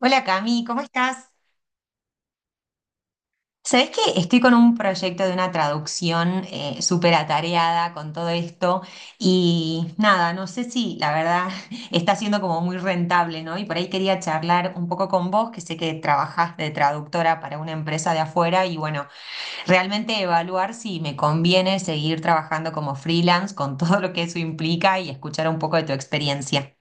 Hola Cami, ¿cómo estás? Sabés que estoy con un proyecto de una traducción súper atareada con todo esto y nada, no sé si la verdad está siendo como muy rentable, ¿no? Y por ahí quería charlar un poco con vos, que sé que trabajás de traductora para una empresa de afuera y bueno, realmente evaluar si me conviene seguir trabajando como freelance con todo lo que eso implica y escuchar un poco de tu experiencia.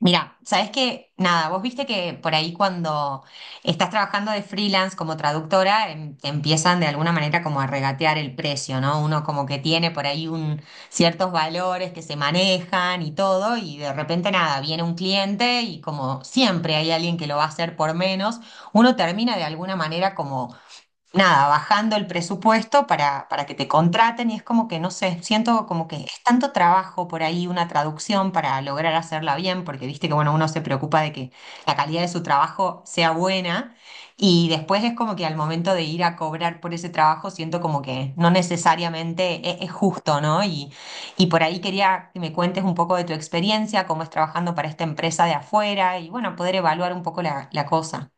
Mira, sabes que nada, vos viste que por ahí cuando estás trabajando de freelance como traductora, te empiezan de alguna manera como a regatear el precio, ¿no? Uno como que tiene por ahí un, ciertos valores que se manejan y todo, y de repente nada, viene un cliente y como siempre hay alguien que lo va a hacer por menos, uno termina de alguna manera como nada, bajando el presupuesto para que te contraten y es como que, no sé, siento como que es tanto trabajo por ahí una traducción para lograr hacerla bien, porque viste que, bueno, uno se preocupa de que la calidad de su trabajo sea buena y después es como que al momento de ir a cobrar por ese trabajo siento como que no necesariamente es justo, ¿no? Y por ahí quería que me cuentes un poco de tu experiencia, cómo es trabajando para esta empresa de afuera y, bueno, poder evaluar un poco la cosa.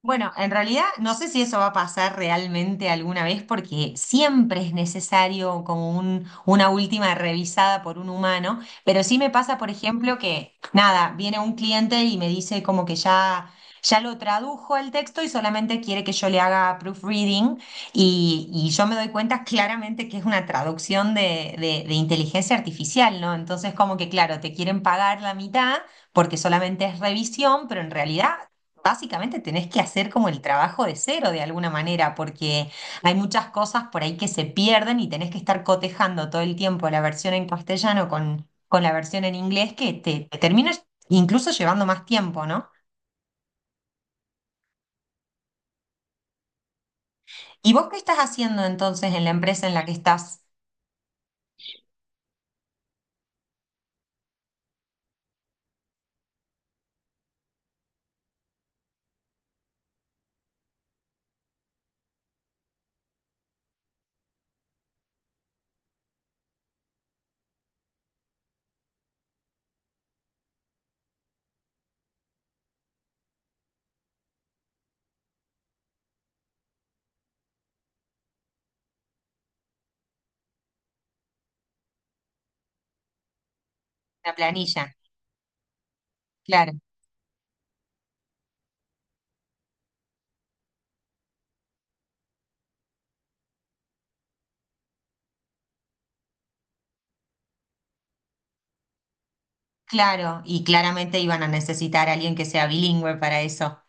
Bueno, en realidad no sé si eso va a pasar realmente alguna vez porque siempre es necesario como un, una última revisada por un humano, pero sí me pasa, por ejemplo, que nada, viene un cliente y me dice como que ya, ya lo tradujo el texto y solamente quiere que yo le haga proofreading y yo me doy cuenta claramente que es una traducción de, de inteligencia artificial, ¿no? Entonces como que claro, te quieren pagar la mitad porque solamente es revisión, pero en realidad... Básicamente tenés que hacer como el trabajo de cero de alguna manera, porque hay muchas cosas por ahí que se pierden y tenés que estar cotejando todo el tiempo la versión en castellano con la versión en inglés que te termina incluso llevando más tiempo, ¿no? ¿Y vos qué estás haciendo entonces en la empresa en la que estás? La planilla. Claro, claro, y claramente iban a necesitar a alguien que sea bilingüe para eso.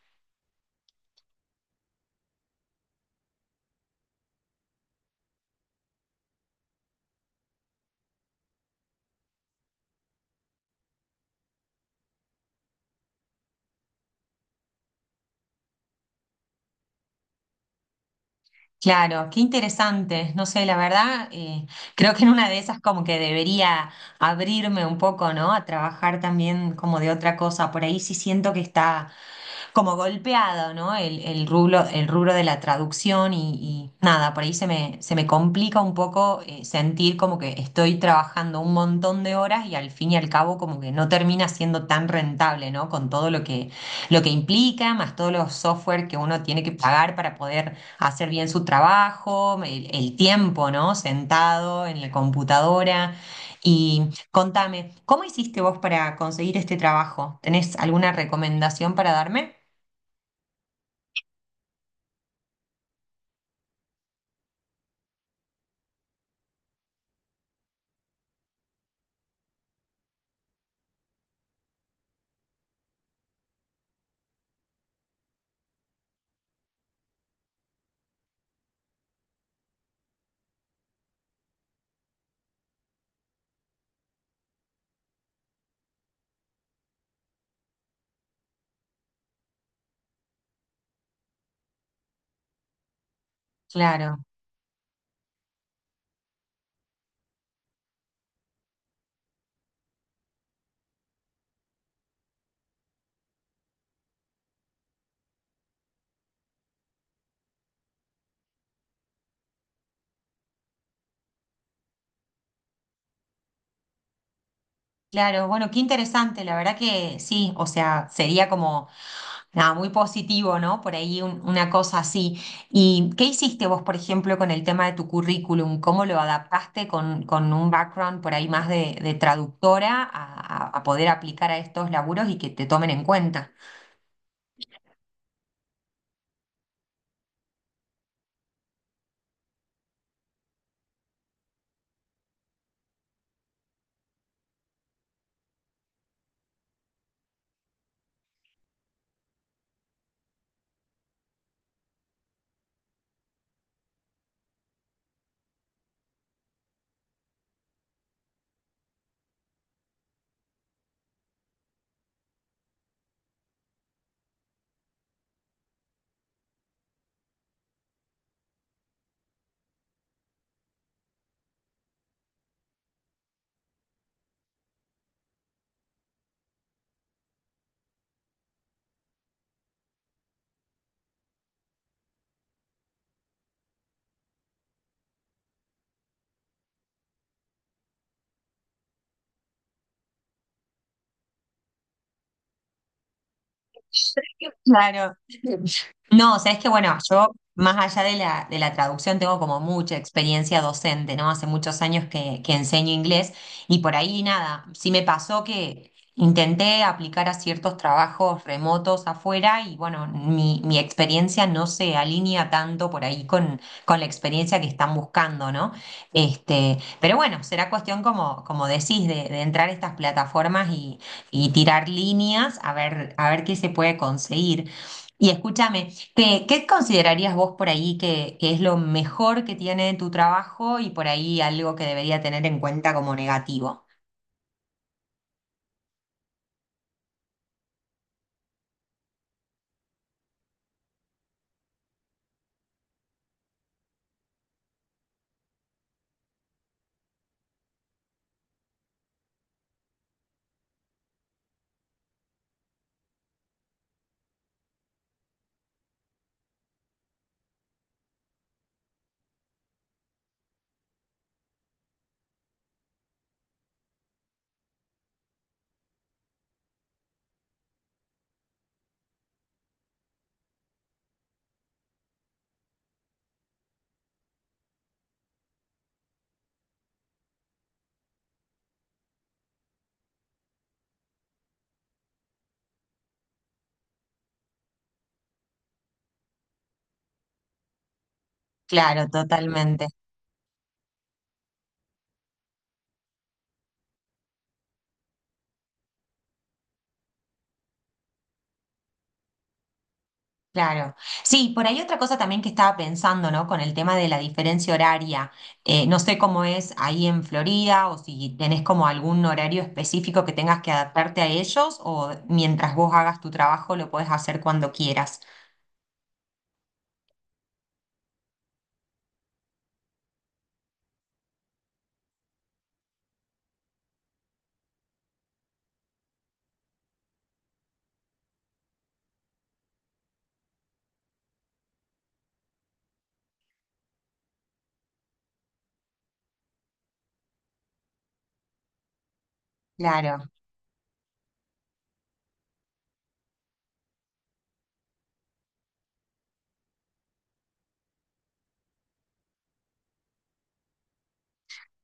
Claro, qué interesante. No sé, la verdad, creo que en una de esas como que debería abrirme un poco, ¿no? A trabajar también como de otra cosa. Por ahí sí siento que está como golpeado, ¿no? El rubro, el rubro de la traducción y nada, por ahí se me complica un poco sentir como que estoy trabajando un montón de horas y al fin y al cabo como que no termina siendo tan rentable, ¿no? Con todo lo que implica, más todos los software que uno tiene que pagar para poder hacer bien su trabajo, el tiempo, ¿no? Sentado en la computadora. Y contame, ¿cómo hiciste vos para conseguir este trabajo? ¿Tenés alguna recomendación para darme? Claro, claro. Bueno, qué interesante. La verdad que sí, o sea, sería como nada, muy positivo, ¿no? Por ahí una cosa así. ¿Y qué hiciste vos, por ejemplo, con el tema de tu currículum? ¿Cómo lo adaptaste con un background por ahí más de traductora a, a poder aplicar a estos laburos y que te tomen en cuenta? Claro. No, sabes que bueno, yo más allá de la traducción tengo como mucha experiencia docente, ¿no? Hace muchos años que enseño inglés y por ahí nada, sí me pasó que intenté aplicar a ciertos trabajos remotos afuera y bueno, mi experiencia no se alinea tanto por ahí con la experiencia que están buscando, ¿no? Este, pero bueno, será cuestión como, como decís, de entrar a estas plataformas y tirar líneas a ver qué se puede conseguir. Y escúchame, ¿qué, qué considerarías vos por ahí que es lo mejor que tiene tu trabajo y por ahí algo que debería tener en cuenta como negativo? Claro, totalmente. Claro. Sí, por ahí otra cosa también que estaba pensando, ¿no? Con el tema de la diferencia horaria. No sé cómo es ahí en Florida o si tenés como algún horario específico que tengas que adaptarte a ellos o mientras vos hagas tu trabajo lo podés hacer cuando quieras. Claro.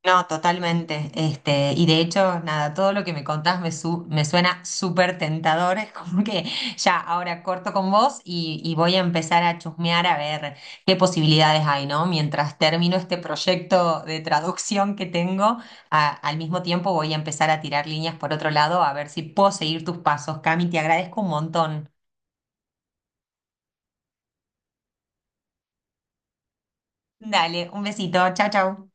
No, totalmente. Este, y de hecho, nada, todo lo que me contás me, me suena súper tentador. Es como que ya ahora corto con vos y voy a empezar a chusmear a ver qué posibilidades hay, ¿no? Mientras termino este proyecto de traducción que tengo, al mismo tiempo voy a empezar a tirar líneas por otro lado a ver si puedo seguir tus pasos. Cami, te agradezco un montón. Dale, un besito. Chau, chau.